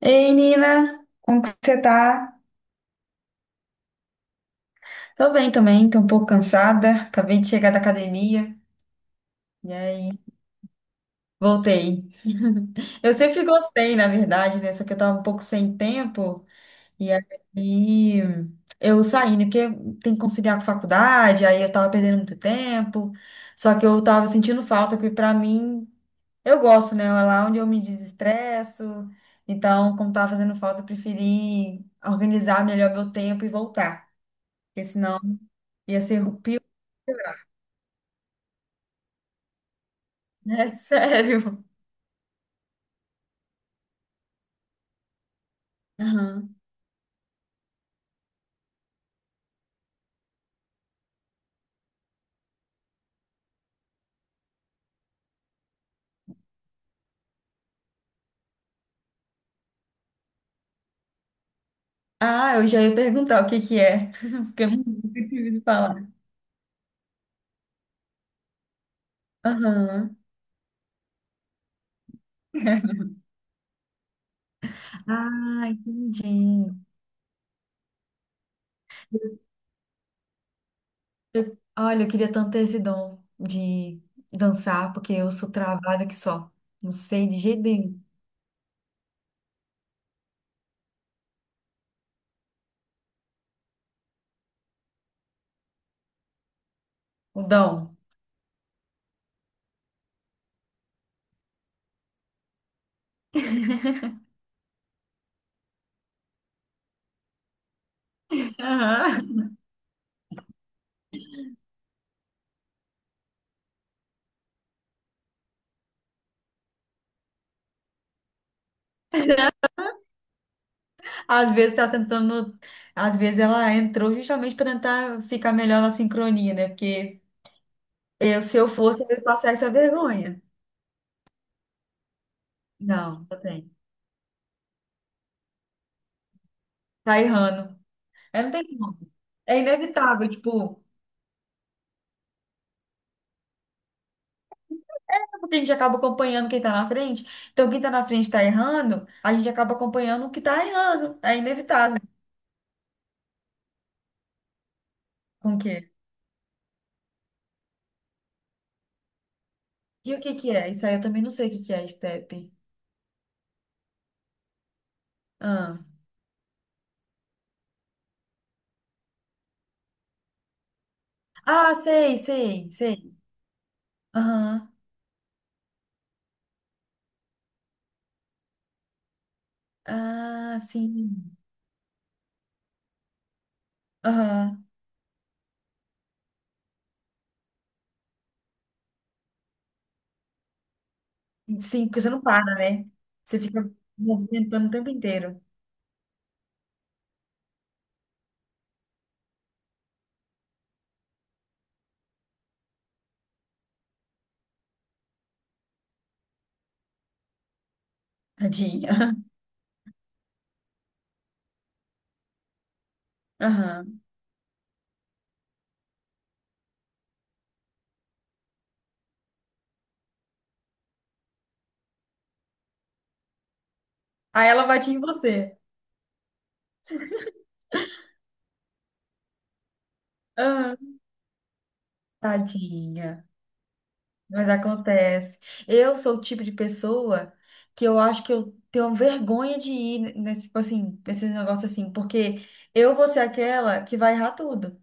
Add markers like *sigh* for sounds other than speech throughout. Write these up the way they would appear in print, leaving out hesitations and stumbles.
Ei, Nina, como que você tá? Tô bem também, tô um pouco cansada. Acabei de chegar da academia e aí voltei. Eu sempre gostei, na verdade, né? Só que eu tava um pouco sem tempo e aí eu saí, né? Porque tem que conciliar com a faculdade, aí eu tava perdendo muito tempo. Só que eu tava sentindo falta, que pra mim, eu gosto, né? É lá onde eu me desestresso. Então, como tava fazendo falta, eu preferi organizar melhor meu tempo e voltar. Porque senão ia ser o pior, né? *laughs* Sério. Aham. Ah, eu já ia perguntar o que que é, *laughs* porque eu nunca tive de falar. Aham. Ah, entendi. Olha, eu queria tanto ter esse dom de dançar, porque eu sou travada que só. Não sei de jeito nenhum. O dom. Aham. Às vezes tá tentando. Às vezes ela entrou justamente para tentar ficar melhor na sincronia, né? Porque eu, se eu fosse, eu ia passar essa vergonha. Não, não tem. Tá errando. É, não tem como. É inevitável, tipo, é porque a gente acaba acompanhando quem tá na frente. Então, quem tá na frente tá errando, a gente acaba acompanhando o que tá errando. É inevitável. Com o quê? E o que que é? Isso aí eu também não sei o que que é, step. Ah, ah, sei, sei, sei. Aham. Ah, sim. Aham. Sim, porque você não para, né? Você fica movimentando o tempo inteiro. Tadinha. *laughs* Aham. Aí ela bate em você. Aham. Tadinha. Mas acontece. Eu sou o tipo de pessoa que eu acho que eu tenho vergonha de ir nesse, tipo assim, nesses negócios assim, porque eu vou ser aquela que vai errar tudo.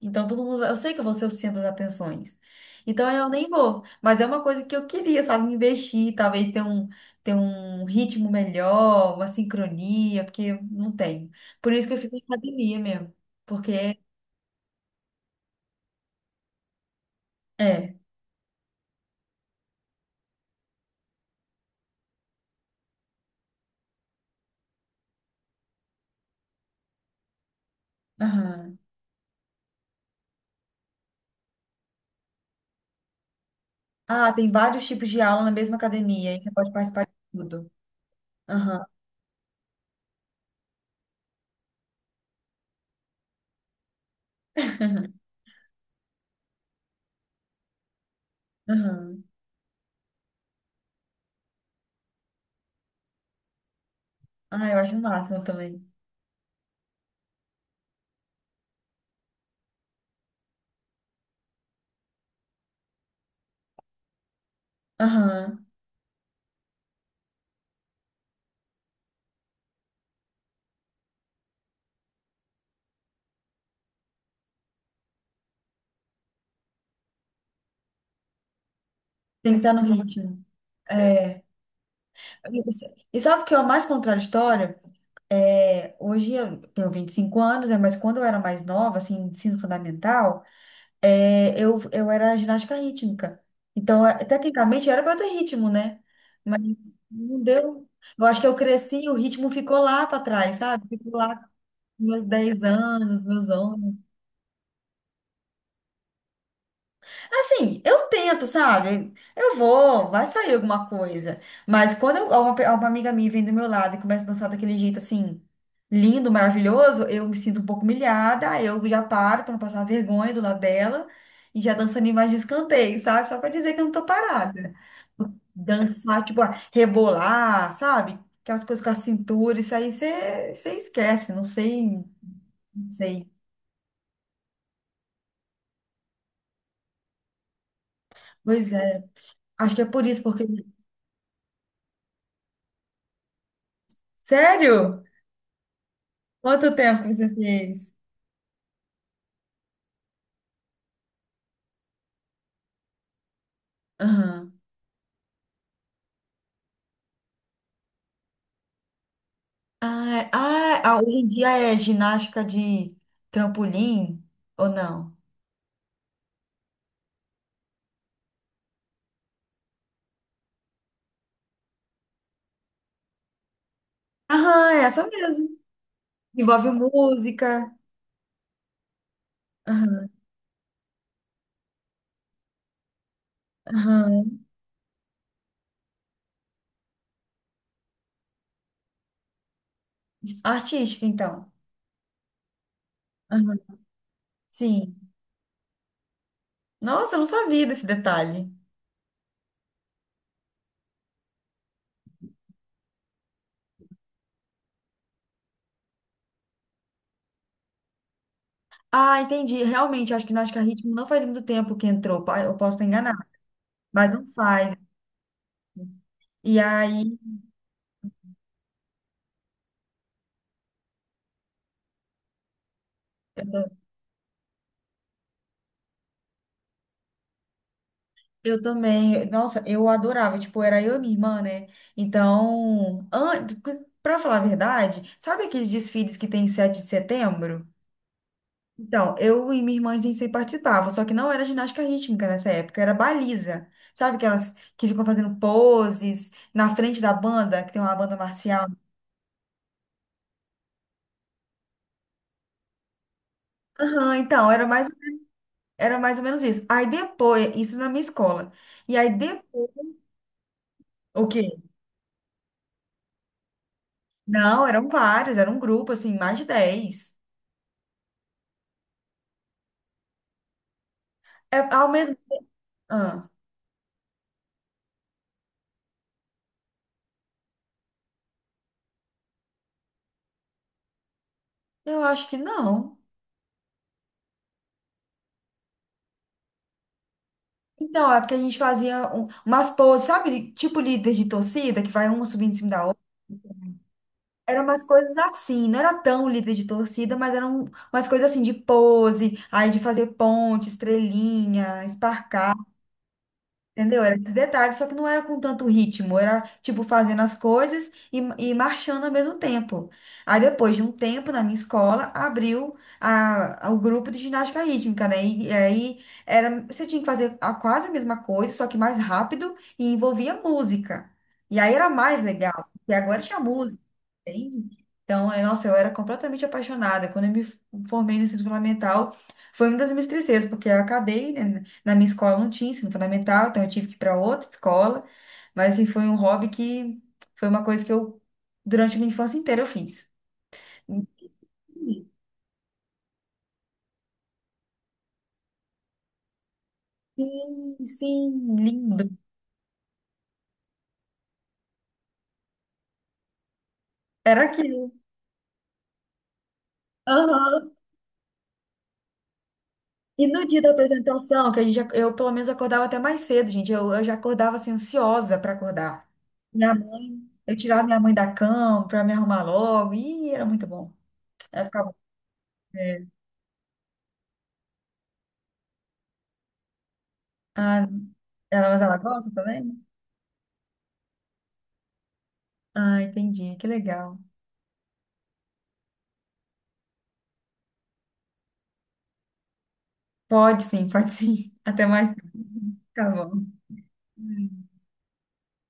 Então todo mundo, eu sei que eu vou ser o centro das atenções. Então eu nem vou, mas é uma coisa que eu queria, sabe, investir, talvez ter um ritmo melhor, uma sincronia, porque eu não tenho. Por isso que eu fico em academia mesmo, porque é. Aham. Ah, tem vários tipos de aula na mesma academia, aí você pode participar de tudo. Aham, aham. Ah, eu acho o máximo também. Aham. Tem que estar no ritmo. É. E e sabe o que é o mais contraditório? É, hoje eu tenho 25 anos, né, mas quando eu era mais nova, assim, ensino fundamental, é, eu era ginástica rítmica. Então, é, tecnicamente, era para eu ter ritmo, né? Mas não deu. Eu acho que eu cresci, o ritmo ficou lá para trás, sabe? Ficou lá com meus 10 anos, meus 11. Assim, eu tento, sabe? Eu vou, vai sair alguma coisa. Mas uma, uma amiga minha vem do meu lado e começa a dançar daquele jeito assim, lindo, maravilhoso, eu me sinto um pouco humilhada, aí eu já paro pra não passar vergonha do lado dela e já dançando em mais de escanteio, sabe? Só pra dizer que eu não tô parada. Dançar, tipo, ah, rebolar, sabe? Aquelas coisas com a cintura, isso aí você esquece, não sei. Pois é, acho que é por isso, porque. Sério? Quanto tempo você fez? Aham. Ah, hoje em dia é ginástica de trampolim ou não? Aham, é essa mesmo. Envolve música. Aham, aham, artística, então. Aham. Sim. Nossa, eu não sabia desse detalhe. Ah, entendi. Realmente, acho que ginástica rítmica não faz muito tempo que entrou. Eu posso estar enganada, mas não faz. E aí eu também, nossa, eu adorava, tipo, era eu e minha irmã, né? Então, an... Pra falar a verdade, sabe aqueles desfiles que tem em 7 de setembro? Então, eu e minha irmã, a gente sempre participava, só que não era ginástica rítmica nessa época, era baliza. Sabe aquelas que ficam fazendo poses na frente da banda, que tem uma banda marcial? Aham, então, era mais, era mais ou menos isso. Aí depois, isso na minha escola. E aí depois, o quê? Não, eram vários, era um grupo, assim, mais de 10. É, ao mesmo. Ah, eu acho que não. Então, é porque a gente fazia umas poses, sabe? Tipo líder de torcida, que vai uma subindo em cima da outra. Eram umas coisas assim, não era tão líder de torcida, mas eram umas coisas assim de pose, aí de fazer ponte, estrelinha. Entendeu? Era esses detalhes, só que não era com tanto ritmo, era tipo fazendo as coisas e marchando ao mesmo tempo. Aí depois de um tempo na minha escola, abriu a, o grupo de ginástica rítmica, né? E aí era, você tinha que fazer a, quase a mesma coisa, só que mais rápido e envolvia música. E aí era mais legal, porque agora tinha música. Entende? Então, é, nossa, eu era completamente apaixonada. Quando eu me formei no ensino fundamental, foi uma das minhas tristezas, porque eu acabei, né, na minha escola não tinha ensino fundamental, então eu tive que ir para outra escola. Mas, assim, foi um hobby que foi uma coisa que eu, durante a minha infância inteira, eu fiz. Sim, sim, lindo. Era aquilo. Aham. E no dia da apresentação, que a gente, eu pelo menos acordava até mais cedo, gente. Eu já acordava assim, ansiosa para acordar. Minha mãe, eu tirava minha mãe da cama para me arrumar logo. E era muito bom. Ela ficava. É. Ah, ela, mas ela gosta também? Ah, entendi. Que legal. Pode sim, pode sim. *laughs* Até mais tarde. Tá bom.